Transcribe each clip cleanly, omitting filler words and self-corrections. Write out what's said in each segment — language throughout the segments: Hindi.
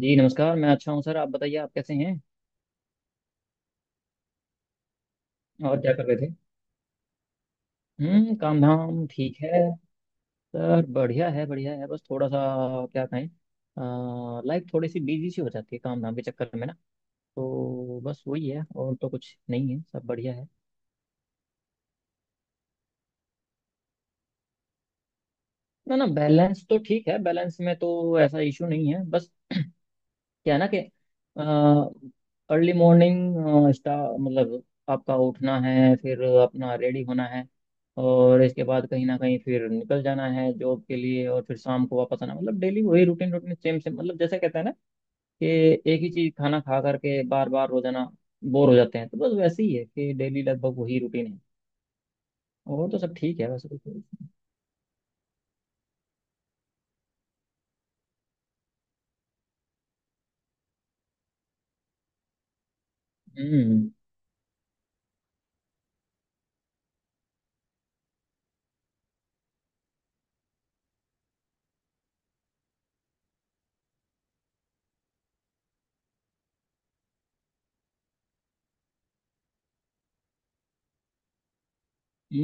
जी नमस्कार। मैं अच्छा हूँ सर, आप बताइए, आप कैसे हैं। और क्या कर रहे थे। हम्म। काम धाम ठीक है। सर बढ़िया है, बढ़िया है, बस थोड़ा सा क्या कहें। लाइफ थोड़ी सी बिजी सी हो जाती है काम धाम के चक्कर में ना। तो बस वही है, और तो कुछ नहीं है, सब बढ़िया है। ना ना, बैलेंस तो ठीक है, बैलेंस में तो ऐसा इशू नहीं है, बस क्या है ना कि अर्ली मॉर्निंग स्टा मतलब आपका उठना है, फिर अपना रेडी होना है, और इसके बाद कहीं ना कहीं फिर निकल जाना है जॉब के लिए, और फिर शाम को वापस आना। मतलब डेली वही रूटीन रूटीन सेम सेम, मतलब जैसे कहते हैं ना कि एक ही चीज खाना खा करके बार बार रोजाना बोर हो जाते हैं। तो बस वैसे ही है कि डेली लगभग वही रूटीन है। और तो सब ठीक है वैसे तो। हम्म।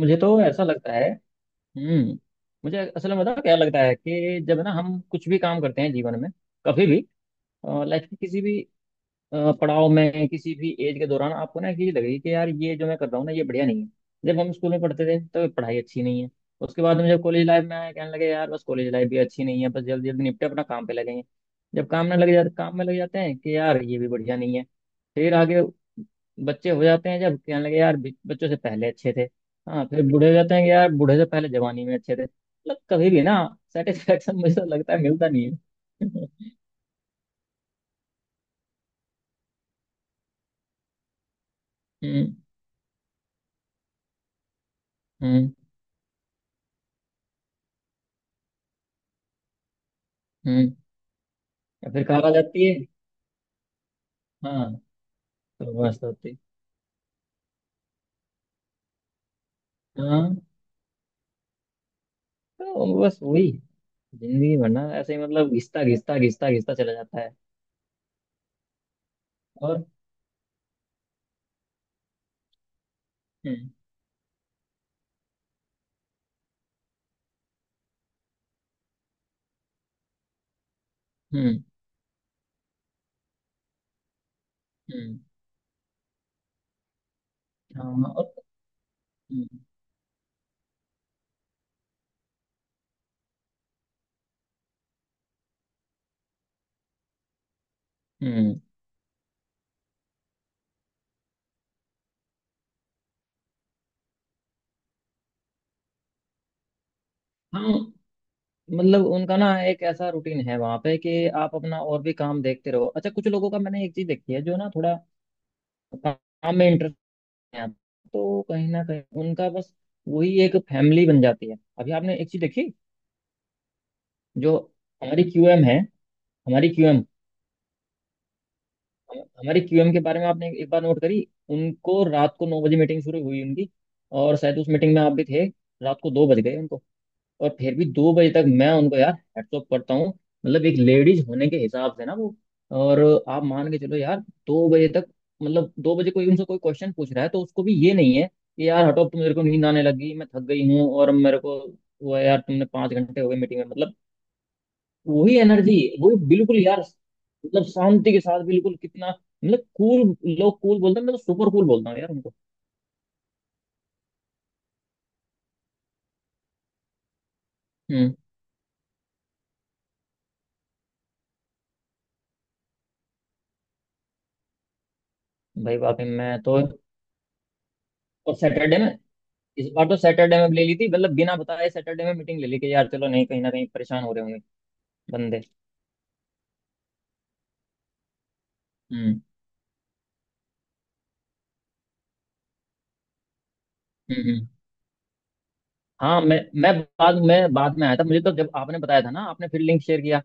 मुझे तो ऐसा लगता है। हम्म। मुझे असल में पता है क्या लगता है, कि जब ना हम कुछ भी काम करते हैं जीवन में, कभी भी लाइफ के किसी भी पड़ाव में, किसी भी एज के दौरान, आपको ना एक चीज लगेगी कि यार ये जो मैं कर रहा हूँ ना, ये बढ़िया नहीं है। जब हम स्कूल में पढ़ते थे तो पढ़ाई अच्छी नहीं है। उसके बाद में जब कॉलेज लाइफ में आए कहने लगे यार बस कॉलेज लाइफ भी अच्छी नहीं है, बस जल्दी जल्दी निपटे अपना काम पे लगे हैं। जब काम में लग जाते काम में लग जाते हैं कि यार ये भी बढ़िया नहीं है। फिर आगे बच्चे हो जाते हैं जब कहने लगे यार बच्चों से पहले अच्छे थे। हाँ, फिर बूढ़े हो जाते हैं कि यार बूढ़े से पहले जवानी में अच्छे थे। मतलब कभी भी ना सेटिस्फेक्शन, मुझे तो लगता है मिलता नहीं है। हम्म। हम्म। हम्म। या फिर कार आ जाती है। हाँ, तो मस्त होती। हाँ, तो बस वही जिंदगी भर ना ऐसे ही, मतलब घिसता घिसता घिसता घिसता चला जाता है। और। हम्म। हम्म। हम्म। हाँ। और। हम्म। हम्म। हाँ, मतलब उनका ना एक ऐसा रूटीन है वहां पे, कि आप अपना और भी काम देखते रहो। अच्छा, कुछ लोगों का मैंने एक चीज देखी है, जो ना थोड़ा काम में इंटरेस्ट है, तो कहीं ना कहीं उनका बस वही एक फैमिली बन जाती है। अभी आपने एक चीज देखी, जो हमारी क्यूएम है। हमारी क्यूएम, हमारी क्यूएम के बारे में आपने एक बार नोट करी। उनको रात को 9 बजे मीटिंग शुरू हुई उनकी, और शायद उस मीटिंग में आप भी थे। रात को 2 बज गए उनको, और फिर भी 2 बजे तक मैं उनको यार हैट्स ऑफ करता हूँ। मतलब एक लेडीज होने के हिसाब से ना वो, और आप मान के चलो यार, 2 बजे तक, मतलब 2 बजे कोई उनसे कोई क्वेश्चन पूछ रहा है तो उसको भी ये नहीं है कि यार हटो, अब तो मेरे को नींद आने लगी, मैं थक गई हूँ, और मेरे को वो है यार तुमने 5 घंटे हो गए मीटिंग में, मतलब वही एनर्जी, वही बिल्कुल यार, मतलब शांति के साथ बिल्कुल। कितना, मतलब कूल लोग कूल बोलते हैं, मैं तो सुपर कूल बोलता हूँ यार उनको। हम्म। भाई वाकई मैं तो। और सैटरडे में, इस बार तो सैटरडे में ले ली थी, मतलब बिना बताए सैटरडे में मीटिंग ले ली, कि यार चलो नहीं कहीं ना कहीं परेशान हो रहे होंगे बंदे। हम्म। हम्म। हम्म। हाँ, मैं बाद में आया था। मुझे तो जब आपने बताया था ना, आपने फिर लिंक शेयर किया,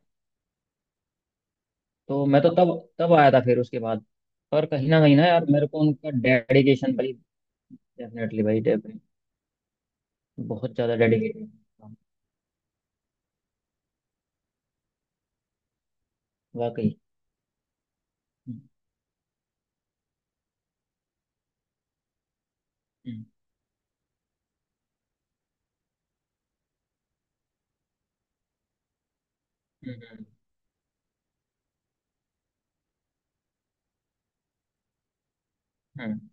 तो मैं तो तब तब आया था फिर उसके बाद। पर कहीं ना यार, मेरे को उनका डेडिकेशन, भाई डेफिनेटली भाई, डेफिनेटली बहुत ज्यादा डेडिकेटेड। वाकई। हम्म, हम्म, हम्म, हम्म, हम्म।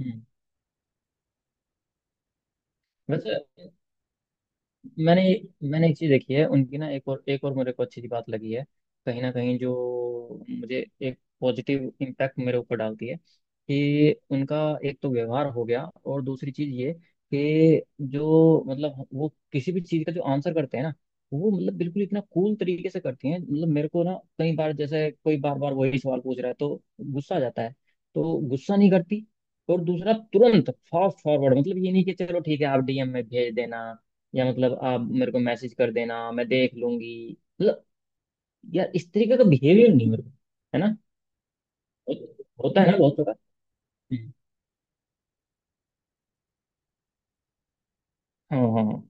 हम्म। वैसे मैंने मैंने एक चीज देखी है उनकी ना, एक और मेरे को अच्छी सी बात लगी है, कहीं ना कहीं जो मुझे एक पॉजिटिव इम्पैक्ट मेरे ऊपर डालती है, कि उनका एक तो व्यवहार हो गया, और दूसरी चीज ये कि जो मतलब वो किसी भी चीज का जो आंसर करते हैं ना, वो मतलब बिल्कुल इतना कूल तरीके से करती हैं। मतलब मेरे को ना कई बार जैसे कोई बार बार वही सवाल पूछ रहा है तो गुस्सा आ जाता है, तो गुस्सा नहीं करती। और दूसरा तुरंत फास्ट फॉरवर्ड, मतलब ये नहीं कि चलो ठीक है आप डीएम में भेज देना, या मतलब आप मेरे को मैसेज कर देना मैं देख लूंगी, मतलब यार इस तरीके का बिहेवियर नहीं। मेरे को है ना, हो- होता है ना बहुत सारा। हम्म। हाँ, हाँ।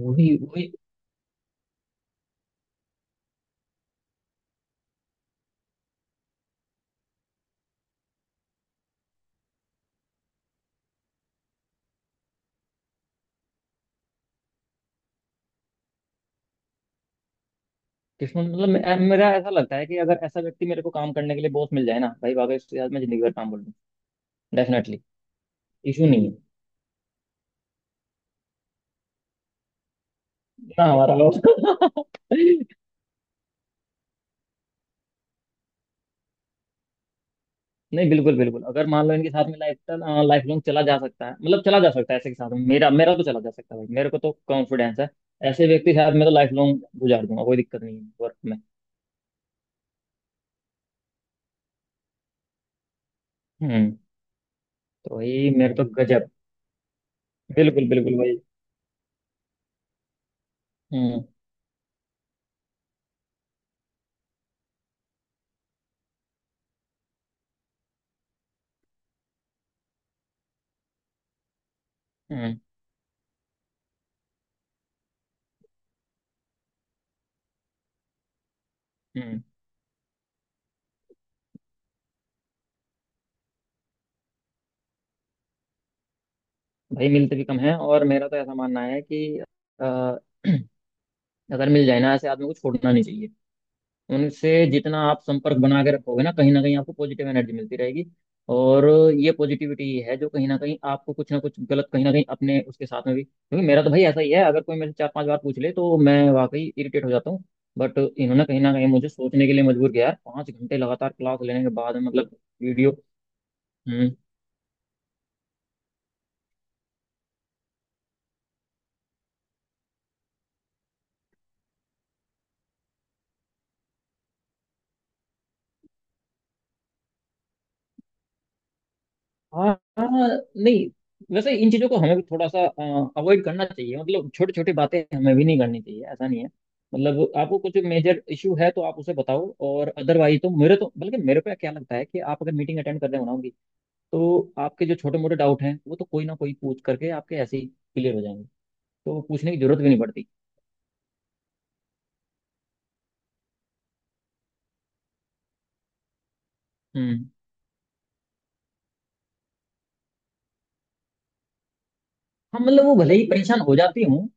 वही, वही। किस्मत, मतलब मेरा ऐसा लगता है कि अगर ऐसा व्यक्ति मेरे को काम करने के लिए बॉस मिल जाए ना, भाई वाकई उसके साथ मैं जिंदगी भर काम कर लूँ। डेफिनेटली, इशू नहीं है। ना हमारा। नहीं, बिल्कुल बिल्कुल, अगर मान लो इनके साथ में लाइफ लाइफ लॉन्ग चला जा सकता है। मतलब चला जा सकता है ऐसे के साथ में, मेरा मेरा तो चला जा सकता है भाई, मेरे को तो कॉन्फिडेंस है। ऐसे व्यक्ति के साथ मैं तो लाइफ लॉन्ग गुजार दूंगा, कोई दिक्कत नहीं है वर्क में। हम्म। तो वही, मेरे तो गजब। बिल्कुल बिल्कुल भाई। हम्म। हम्म। हम्म। भाई मिलते भी कम है, और मेरा तो ऐसा मानना है कि अ, अगर मिल जाए ना ऐसे आदमी को छोड़ना नहीं चाहिए। उनसे जितना आप संपर्क बना के रखोगे ना, कहीं ना कहीं आपको पॉजिटिव एनर्जी मिलती रहेगी। और ये पॉजिटिविटी ही है जो कहीं ना कहीं आपको कुछ ना कुछ गलत, कहीं ना कहीं अपने उसके साथ में भी, क्योंकि मेरा तो भाई ऐसा ही है, अगर कोई मेरे से 4-5 बार पूछ ले तो मैं वाकई इरिटेट हो जाता हूँ। बट इन्होंने कहीं ना कहीं मुझे सोचने के लिए मजबूर किया, यार 5 घंटे लगातार क्लास लेने के बाद मतलब वीडियो। हाँ, हाँ। नहीं, वैसे इन चीज़ों को हमें भी थोड़ा सा अवॉइड करना चाहिए, मतलब छोटी छोटी बातें हमें भी नहीं करनी चाहिए, ऐसा नहीं है। मतलब आपको कुछ मेजर इशू है तो आप उसे बताओ, और अदरवाइज तो मेरे तो, बल्कि मेरे पे क्या लगता है कि आप अगर मीटिंग अटेंड कर रहे हो ना उनकी, तो आपके जो छोटे मोटे डाउट हैं वो तो कोई ना कोई पूछ करके आपके ऐसे ही क्लियर हो जाएंगे, तो वो पूछने की जरूरत भी नहीं पड़ती। हम्म। हाँ, मतलब वो भले ही परेशान हो जाती हूँ।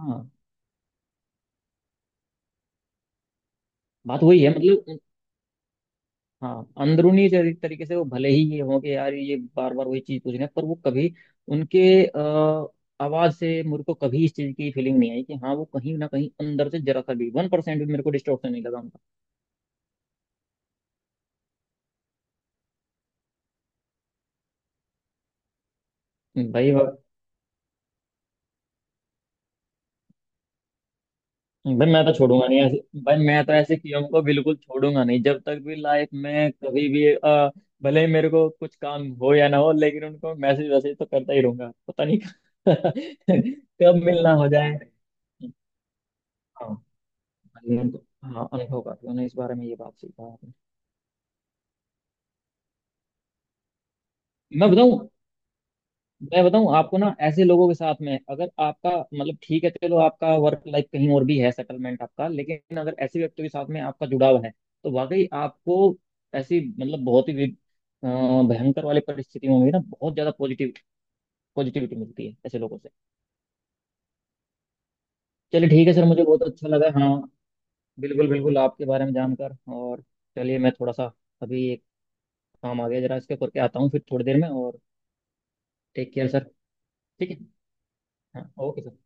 हाँ, बात वही है मतलब। हाँ, अंदरूनी तरीके से वो भले ही ये हो कि यार ये बार बार वही चीज पूछ रहे हैं, पर वो कभी उनके आ, आवाज से मेरे को कभी इस चीज की फीलिंग नहीं आई कि हाँ वो कहीं ना कहीं अंदर से जरा सा भी 1% भी मेरे को डिस्टॉर्शन नहीं लगा उनका। भाई, भाई, भाई मैं तो छोड़ूंगा नहीं ऐसे। भाई मैं तो ऐसे किया को बिल्कुल छोड़ूंगा नहीं, जब तक भी लाइफ में कभी भी भले ही मेरे को कुछ काम हो या ना हो, लेकिन उनको मैसेज वैसेज तो करता ही रहूंगा, पता नहीं कब मिलना हो जाए। हाँ। अनुभव को- हाँ, अनुभव काफी होना इस बारे में, ये बात सही कहा आपने। मैं बताऊं मैं बताऊं आपको ना, ऐसे लोगों के साथ में अगर आपका मतलब, ठीक है चलो आपका वर्क लाइफ कहीं और भी है, सेटलमेंट आपका, लेकिन अगर ऐसे व्यक्तियों के साथ में आपका जुड़ाव है तो वाकई आपको ऐसी, मतलब बहुत ही अ, भयंकर वाली परिस्थितियों में भी ना बहुत ज्यादा पॉजिटिव पॉजिटिविटी मिलती है ऐसे लोगों से। चलिए ठीक है सर, मुझे बहुत अच्छा लगा, हाँ, बिल्कुल बिल्कुल आपके बारे में जानकर। और चलिए, मैं थोड़ा सा अभी एक काम आ गया, जरा इसके करके आता हूँ फिर थोड़ी देर में। और टेक केयर सर, ठीक है, हाँ ओके सर।